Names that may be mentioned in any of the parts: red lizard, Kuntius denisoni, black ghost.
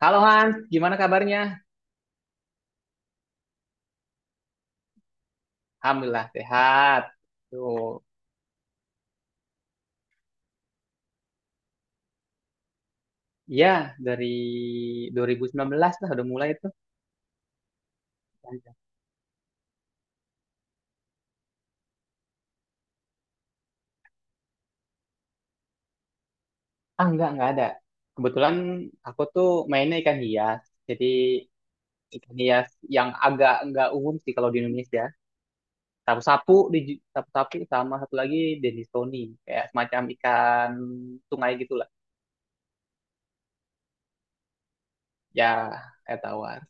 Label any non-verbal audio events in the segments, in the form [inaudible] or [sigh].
Halo Hans, gimana kabarnya? Alhamdulillah sehat. Tuh, ya dari 2019 lah udah mulai itu? Ah enggak ada. Kebetulan aku tuh mainnya ikan hias. Jadi ikan hias yang agak enggak umum sih kalau di Indonesia. Sapu-sapu, sapu-sapu sama satu lagi Denisoni. Kayak semacam ikan sungai gitulah. Ya, kayak tawar.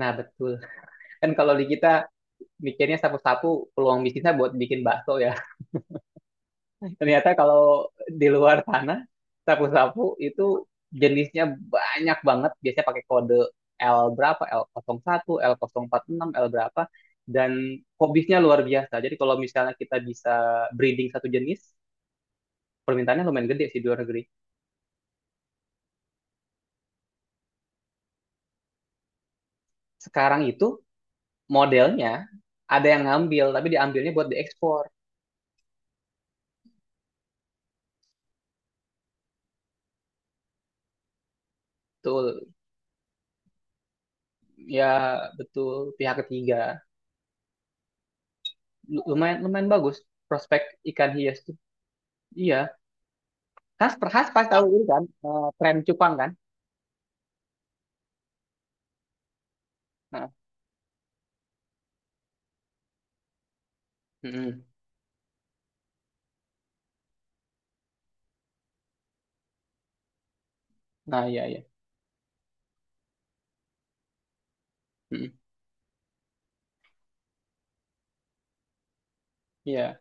Nah betul. Kan kalau di kita mikirnya sapu-sapu peluang bisnisnya buat bikin bakso ya. Ternyata kalau di luar tanah sapu-sapu itu jenisnya banyak banget. Biasanya pakai kode L berapa, L01, L046, L nol empat enam, L berapa. Dan hobisnya luar biasa. Jadi kalau misalnya kita bisa breeding satu jenis, permintaannya lumayan gede sih di luar negeri. Sekarang itu modelnya ada yang ngambil, tapi diambilnya buat diekspor. Betul, ya betul pihak ketiga. Lu- Lumayan lumayan bagus prospek ikan hias tuh. Iya, khas khas pas tahu ini kan, tren cupang kan. Nah. Mm-mm. Nah, iya, iya. Mm-mm. Iya,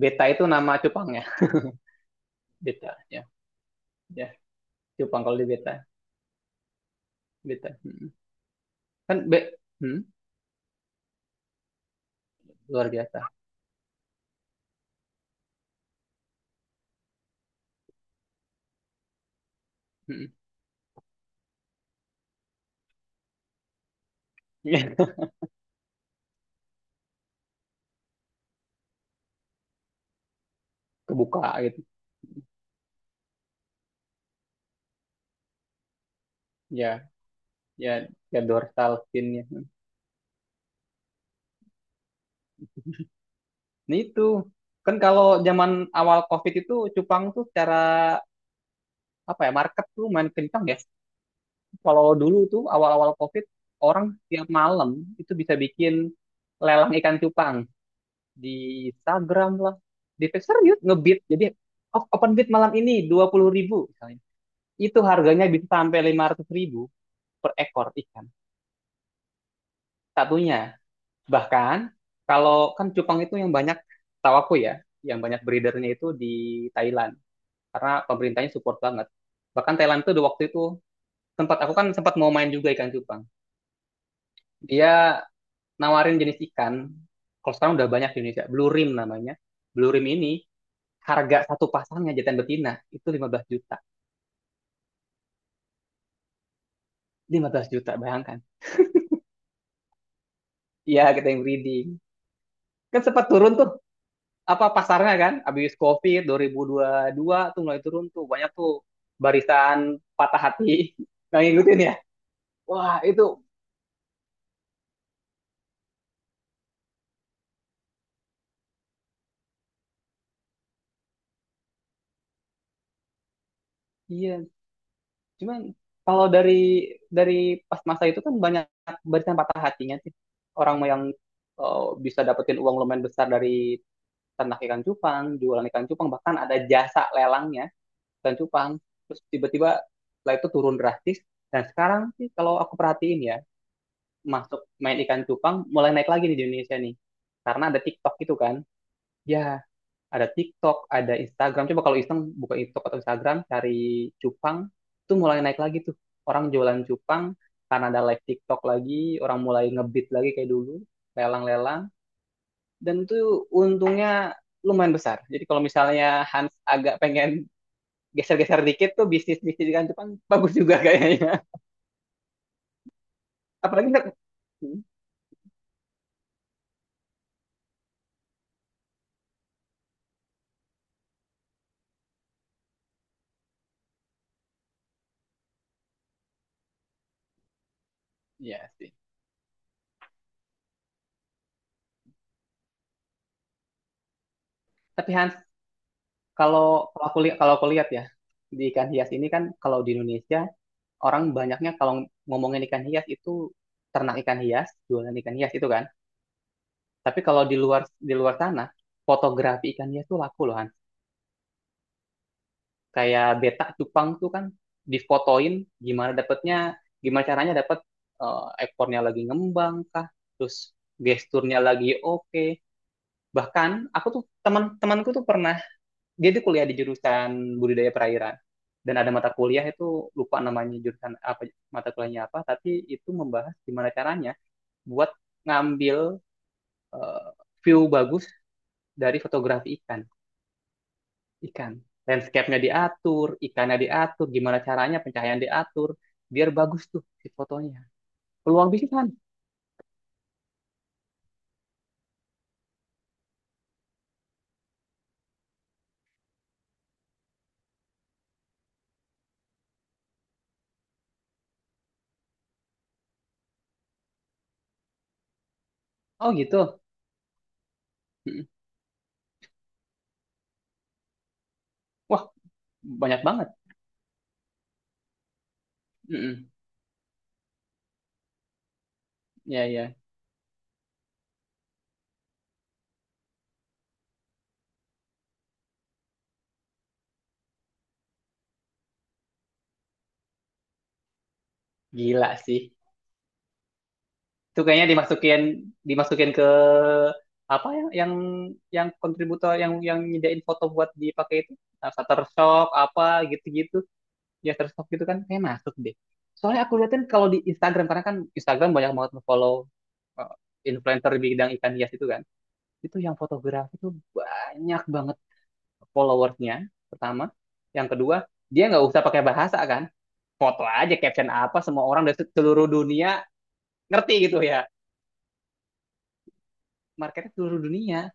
beta itu nama cupangnya. Beta, ya, ya. Cupang kalau di beta. Beta. Mm-mm. kan be Mm, luar biasa. Mm-mm. Iya. [laughs] Kebuka gitu. Ya, ya, ya, dorsal finnya. Nah, itu kan kalau zaman awal covid itu cupang tuh secara apa ya, market tuh main kencang ya. Kalau dulu tuh awal-awal covid orang tiap malam itu bisa bikin lelang ikan cupang di Instagram lah, di Twitter, serius ngebit. Jadi, oh, open bid malam ini 20 ribu misalnya, itu harganya bisa sampai 500 ribu per ekor ikan satunya. Bahkan kalau kan cupang itu yang banyak tahu aku ya, yang banyak breedernya itu di Thailand karena pemerintahnya support banget. Bahkan Thailand tuh di waktu itu sempat, aku kan sempat mau main juga ikan cupang, dia nawarin jenis ikan, kalau sekarang udah banyak di Indonesia blue rim namanya. Blue rim ini harga satu pasangnya jantan betina itu 15 juta. 15 juta, bayangkan. Iya, kita yang breeding. Kan sempat turun tuh, apa, pasarnya kan habis Covid dua 2022 tuh mulai turun tuh banyak tuh barisan patah hati [laughs] yang ngikutin ya. Wah, itu iya. Cuman kalau dari pas masa itu kan banyak barisan patah hatinya sih. Orang yang, eh, bisa dapetin uang lumayan besar dari ternak ikan cupang, jualan ikan cupang, bahkan ada jasa lelangnya dan cupang, terus tiba-tiba setelah itu turun drastis. Dan sekarang sih kalau aku perhatiin ya, masuk main ikan cupang mulai naik lagi nih di Indonesia nih karena ada TikTok gitu kan. Ya, ada TikTok, ada Instagram, coba kalau iseng buka TikTok atau Instagram cari cupang, itu mulai naik lagi tuh orang jualan cupang karena ada live TikTok lagi, orang mulai ngebit lagi kayak dulu, lelang-lelang. Dan itu untungnya lumayan besar. Jadi kalau misalnya Hans agak pengen geser-geser dikit tuh, bisnis-bisnis di Jepang bagus juga kayaknya. Apalagi ntar, ya sih. Tapi Hans, kalau kalau aku lihat ya, di ikan hias ini kan kalau di Indonesia orang banyaknya kalau ngomongin ikan hias itu ternak ikan hias, jualan ikan hias itu kan. Tapi kalau di luar sana fotografi ikan hias tuh laku loh Hans. Kayak betak cupang tuh kan difotoin gimana dapetnya, gimana caranya dapet, ekornya lagi ngembang kah, terus gesturnya lagi oke. Bahkan aku tuh teman-temanku tuh pernah, dia tuh kuliah di jurusan budidaya perairan dan ada mata kuliah itu, lupa namanya jurusan apa, mata kuliahnya apa, tapi itu membahas gimana caranya buat ngambil, eh, view bagus dari fotografi ikan. Ikan, landscape-nya diatur, ikannya diatur, gimana caranya pencahayaan diatur biar bagus tuh si fotonya. Peluang bisnis kan. Oh gitu. Mm-mm. Wah, banyak banget. Mm-mm. Ya, ya. Gila sih. Itu kayaknya dimasukin dimasukin ke apa, yang, yang kontributor, yang nyediain foto buat dipakai itu. Nah, Shutterstock apa gitu-gitu, ya Shutterstock gitu kan, kayak masuk deh. Soalnya aku liatin kalau di Instagram, karena kan Instagram banyak banget follow influencer di bidang ikan hias itu kan, itu yang fotografi itu banyak banget followersnya. Pertama, yang kedua, dia nggak usah pakai bahasa kan, foto aja caption apa, semua orang dari seluruh dunia ngerti gitu ya, marketnya seluruh dunia.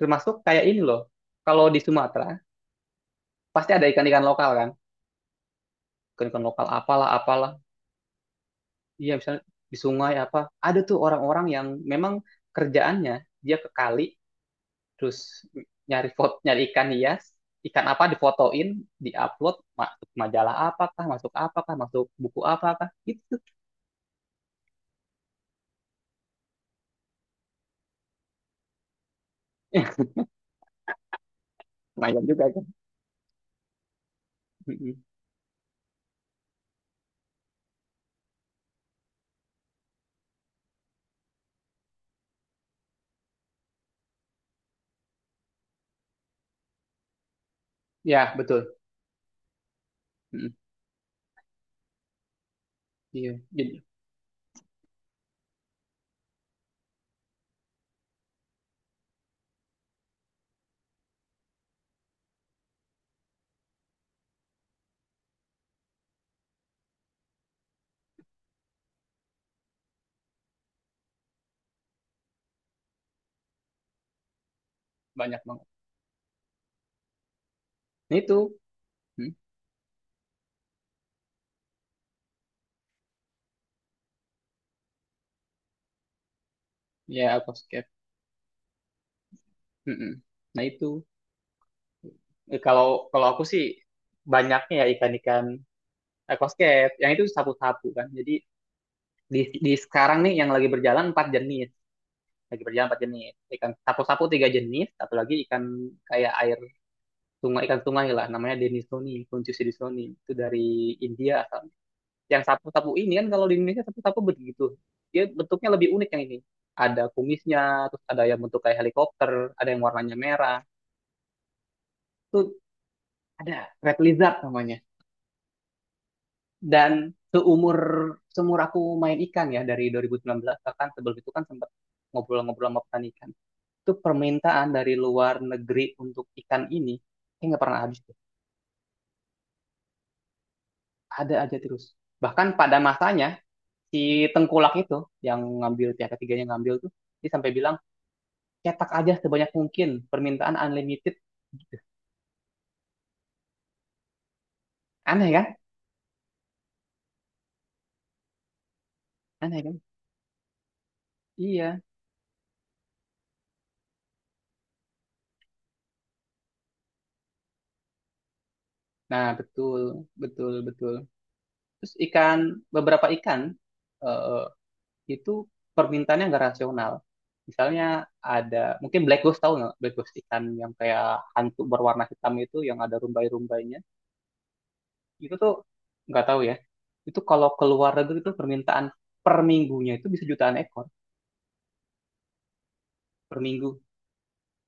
Termasuk kayak ini loh. Kalau di Sumatera, pasti ada ikan-ikan lokal kan. Ikan-ikan lokal apalah, apalah. Iya, misalnya di sungai apa. Ada tuh orang-orang yang memang kerjaannya, dia ke kali, terus nyari foto, nyari ikan hias, ikan apa difotoin, diupload, masuk majalah apakah, masuk buku apakah, gitu. [laughs] Lumayan juga kan. Mm-mm. Ya, betul. Mm-mm. Iya, jadi banyak banget. Nah itu. Mm. Ya, aquascape. Mm-mm. Nah itu. Eh, Kalau kalau aku sih banyaknya ya ikan-ikan aquascape. Yang itu sapu-sapu kan. Jadi di, di sekarang nih yang lagi berjalan empat jenis. Lagi berjalan empat jenis. Ikan sapu-sapu tiga jenis. Satu lagi ikan kayak air sungai, ikan sungai lah. Namanya Denisoni, Kuntius denisoni. Itu dari India asalnya. Yang sapu-sapu ini kan kalau di Indonesia sapu-sapu begitu. Dia bentuknya lebih unik yang ini. Ada kumisnya, terus ada yang bentuk kayak helikopter, ada yang warnanya merah. Itu ada red lizard namanya. Dan seumur seumur aku main ikan ya dari 2019, bahkan sebelum itu kan sempat ngobrol-ngobrol sama petani ikan, itu permintaan dari luar negeri untuk ikan ini kayak nggak pernah habis tuh, ada aja terus. Bahkan pada masanya si tengkulak itu yang ngambil, pihak ketiganya ngambil tuh, dia sampai bilang cetak aja sebanyak mungkin, permintaan unlimited, aneh kan. Aneh kan. Iya, nah betul, betul, betul. Terus ikan, beberapa ikan, eh, itu permintaannya nggak rasional. Misalnya ada, mungkin black ghost, tahu nggak? Black ghost ikan yang kayak hantu berwarna hitam itu, yang ada rumbai-rumbainya. Itu tuh nggak tahu ya. Itu kalau keluar negeri itu permintaan per minggunya itu bisa jutaan ekor per minggu,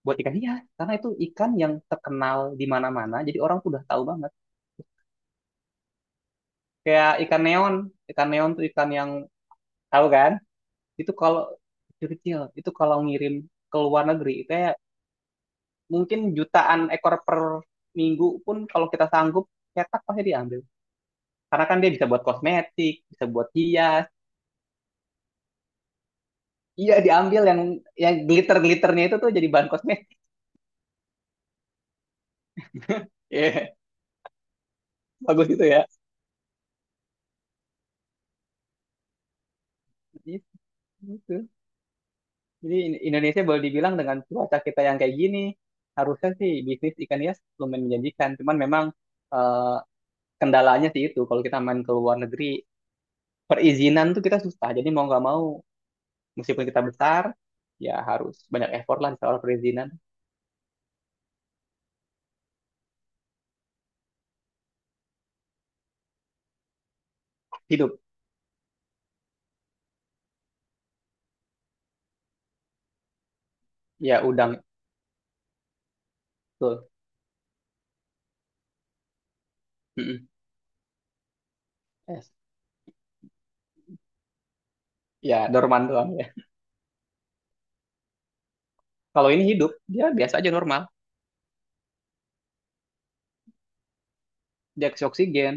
buat ikan iya, karena itu ikan yang terkenal di mana-mana, jadi orang tuh udah tahu banget. Kayak ikan neon, ikan neon tuh ikan yang tahu kan, itu kalau kecil-kecil itu, kalau ngirim ke luar negeri itu ya mungkin jutaan ekor per minggu pun, kalau kita sanggup cetak pasti diambil. Karena kan dia bisa buat kosmetik, bisa buat hias. Iya, diambil yang glitter-glitternya itu tuh jadi bahan kosmetik. [laughs] Iya, bagus itu ya. Gitu. Jadi Indonesia boleh dibilang dengan cuaca kita yang kayak gini, harusnya sih bisnis ikan hias lumayan menjanjikan. Cuman memang, eh, kendalanya sih itu kalau kita main ke luar negeri perizinan tuh kita susah. Jadi mau nggak mau, meskipun kita besar, ya harus banyak effort lah di soal perizinan. Hidup. Ya, udang. Betul. Mm-mm. Es. Ya, dorman doang ya. Kalau ini hidup, dia biasa aja normal. Dia kasih oksigen.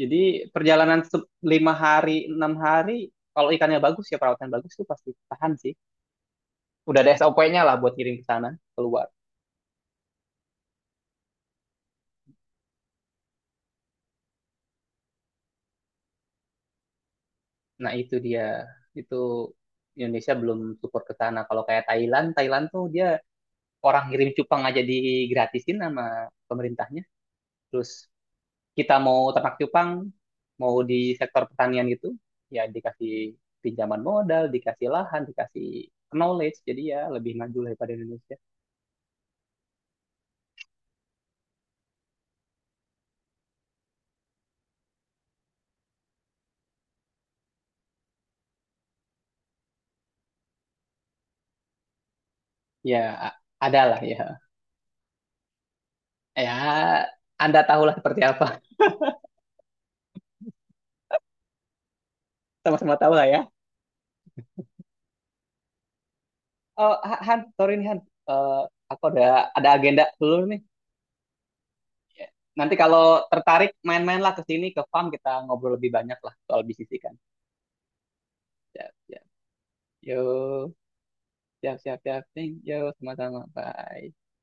Jadi perjalanan 5 hari, 6 hari, kalau ikannya bagus ya, perawatan bagus tuh pasti tahan sih. Udah ada SOP-nya lah buat kirim ke sana, keluar. Nah itu dia. Itu Indonesia belum support ke sana. Kalau kayak Thailand, Thailand tuh dia orang ngirim cupang aja digratisin sama pemerintahnya. Terus kita mau ternak cupang, mau di sektor pertanian gitu, ya dikasih pinjaman modal, dikasih lahan, dikasih knowledge, jadi ya lebih maju daripada Indonesia. Ya, a- ada lah ya. Ya, Anda tahulah seperti apa. [laughs] Sama-sama tahu lah ya. Oh, Han, sorry nih Han. Eh, aku ada agenda dulu nih. Ya, nanti kalau tertarik, main-main lah ke sini ke farm, kita ngobrol lebih banyak lah soal bisnis ikan. Siap, siap. Yo, siap, siap, siap. Thank you. Sama-sama. Bye.